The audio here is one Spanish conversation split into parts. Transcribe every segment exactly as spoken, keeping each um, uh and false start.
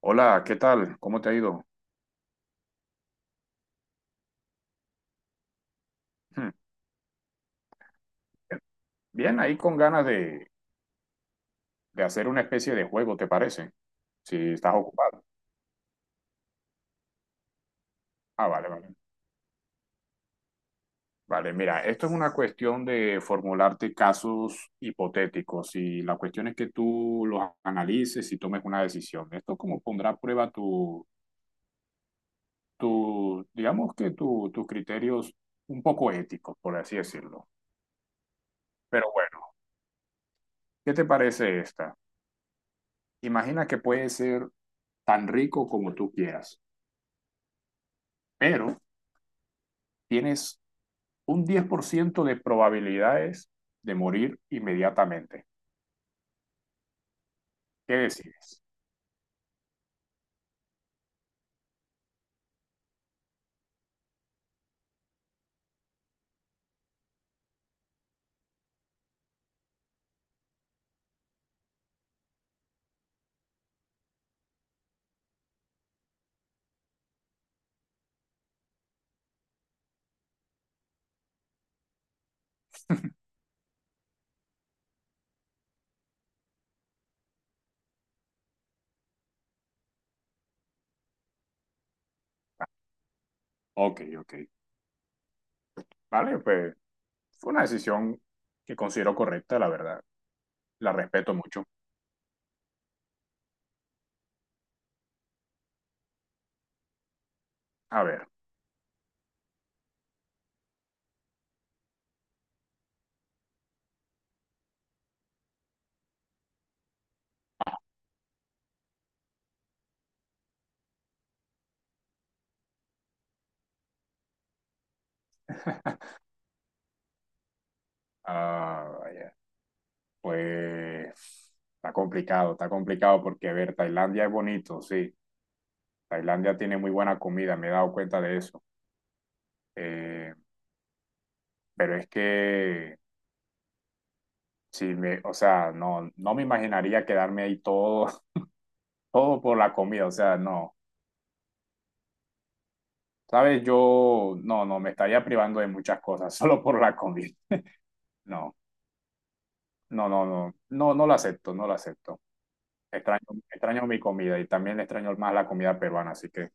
Hola, ¿qué tal? ¿Cómo te ha ido? Hmm, eh, bien, ahí con ganas de, de hacer una especie de juego, ¿te parece? Si estás ocupado. Ah, vale, vale. Vale, mira, esto es una cuestión de formularte casos hipotéticos y la cuestión es que tú los analices y tomes una decisión. Esto como pondrá a prueba tu, tu digamos que tu, tus criterios un poco éticos, por así decirlo. Pero bueno, ¿qué te parece esta? Imagina que puedes ser tan rico como tú quieras, pero tienes un diez por ciento de probabilidades de morir inmediatamente. ¿Qué decides? Ok, ok. Vale, pues fue una decisión que considero correcta, la verdad. La respeto mucho. A ver, ah, vaya, pues está complicado, está complicado porque, a ver, Tailandia es bonito, sí. Tailandia tiene muy buena comida, me he dado cuenta de eso. Eh, pero es que, si me, o sea, no, no me imaginaría quedarme ahí todo, todo por la comida, o sea, no. Sabes, yo no, no, me estaría privando de muchas cosas solo por la comida. No, no, no, no, no, no lo acepto, no lo acepto. Extraño, extraño mi comida y también extraño más la comida peruana, así que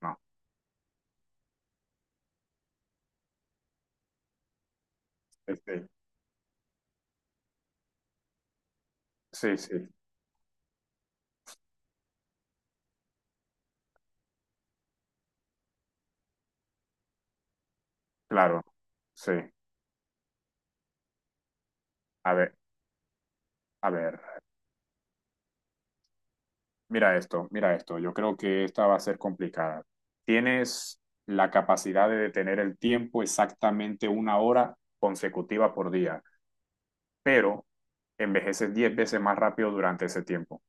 no. Este, sí, sí, claro, sí. A ver, a ver, mira esto, mira esto. Yo creo que esta va a ser complicada. ¿Tienes la capacidad de detener el tiempo exactamente una hora consecutiva por día, pero envejeces diez veces más rápido durante ese tiempo?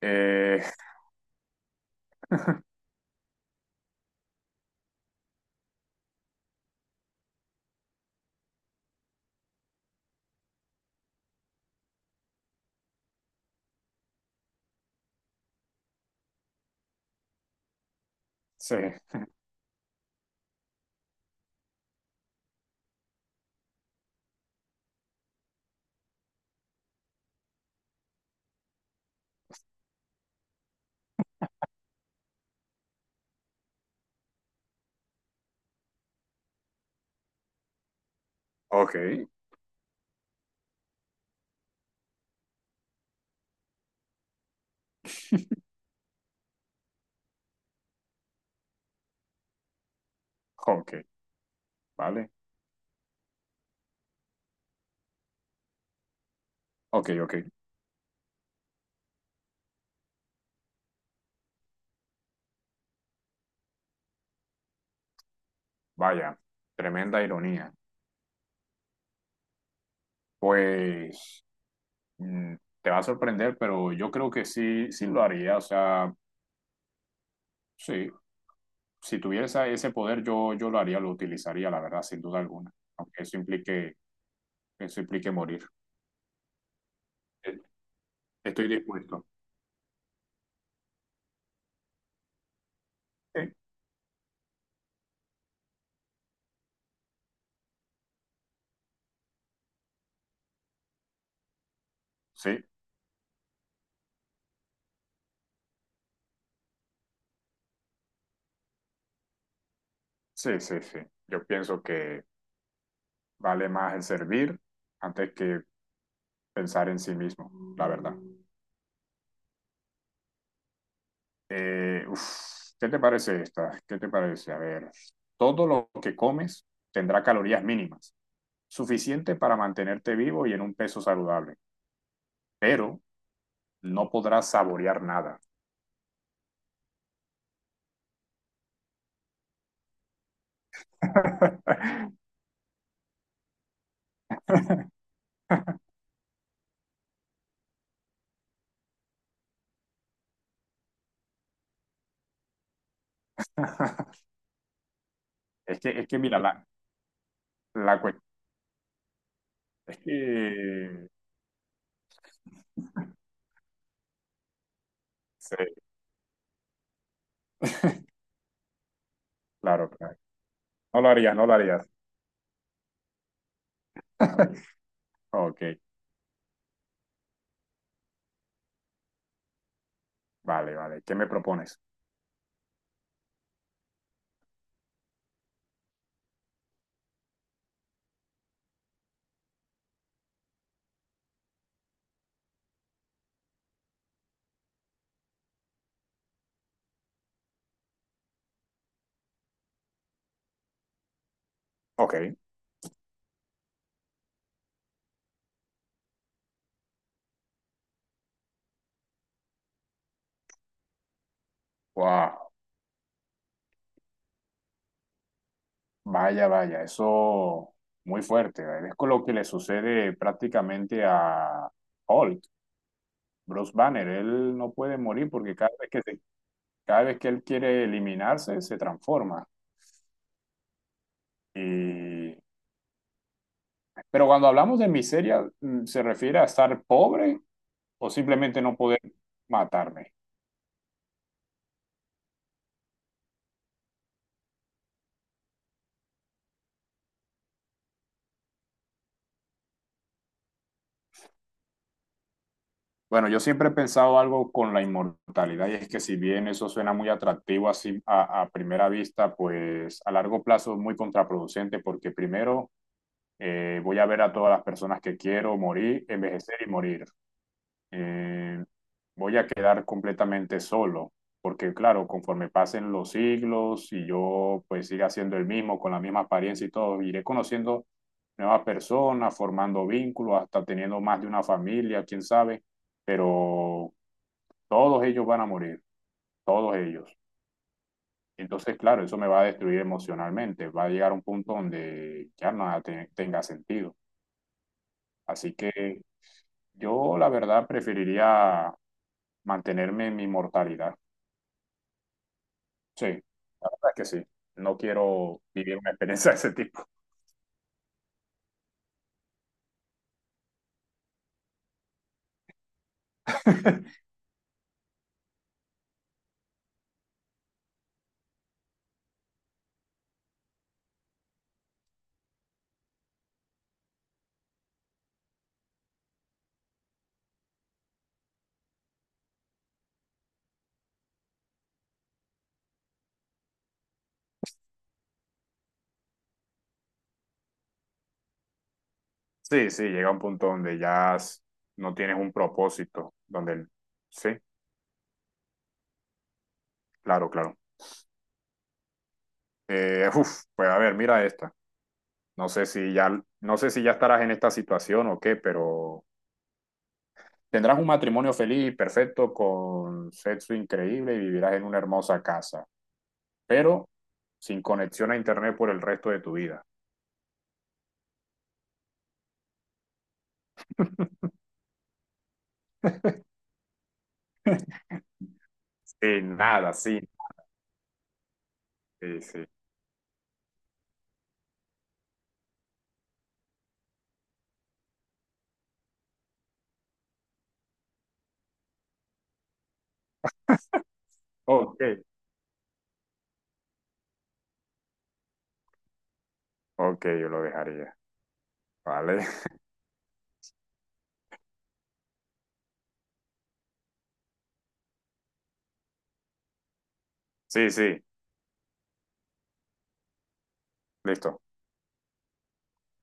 Eh, Sí, ok, ok, vale, ok, ok, vaya, tremenda ironía. Pues mm, te va a sorprender, pero yo creo que sí, sí lo haría, o sea, sí, si tuviera ese poder yo, yo lo haría, lo utilizaría, la verdad, sin duda alguna, aunque eso implique, eso implique morir. Eh, Estoy dispuesto. Sí, sí, sí, sí, sí. Yo pienso que vale más el servir antes que pensar en sí mismo, la verdad. Eh, uf, ¿qué te parece esta? ¿Qué te parece? A ver, todo lo que comes tendrá calorías mínimas, suficiente para mantenerte vivo y en un peso saludable, pero no podrás saborear nada. Es que, es que mira, la, la cuestión es que. Sí, claro, claro. No lo harías, no lo harías. Ok, vale, vale. ¿Qué me propones? Ok. Wow. Vaya, vaya, eso muy fuerte. Es con lo que le sucede prácticamente a Hulk, Bruce Banner. Él no puede morir porque cada vez que, se- cada vez que él quiere eliminarse, se transforma. Y. Pero cuando hablamos de miseria, mm, ¿se refiere a estar pobre o simplemente no poder matarme? Bueno, yo siempre he pensado algo con la inmortalidad y es que si bien eso suena muy atractivo así a, a, primera vista, pues a largo plazo es muy contraproducente porque primero, Eh, voy a ver a todas las personas que quiero morir, envejecer y morir. Eh, voy a quedar completamente solo, porque claro, conforme pasen los siglos y yo pues siga siendo el mismo, con la misma apariencia y todo, iré conociendo nuevas personas, formando vínculos, hasta teniendo más de una familia, quién sabe, pero todos ellos van a morir, todos ellos. Entonces, claro, eso me va a destruir emocionalmente, va a llegar a un punto donde ya nada te- tenga sentido. Así que yo, la verdad, preferiría mantenerme en mi mortalidad. Sí, la verdad es que sí. No quiero vivir una experiencia de ese tipo. Sí, sí, llega un punto donde ya s- no tienes un propósito, donde... el- Sí, claro, claro. Eh, uf, pues a ver, mira esta. No sé si ya, no sé si ya estarás en esta situación o qué, pero tendrás un matrimonio feliz y perfecto con sexo increíble y vivirás en una hermosa casa, pero sin conexión a internet por el resto de tu vida. Sí, nada, sí, sí, sí. Ok, ok, yo lo dejaría, ¿vale? Sí, sí, listo.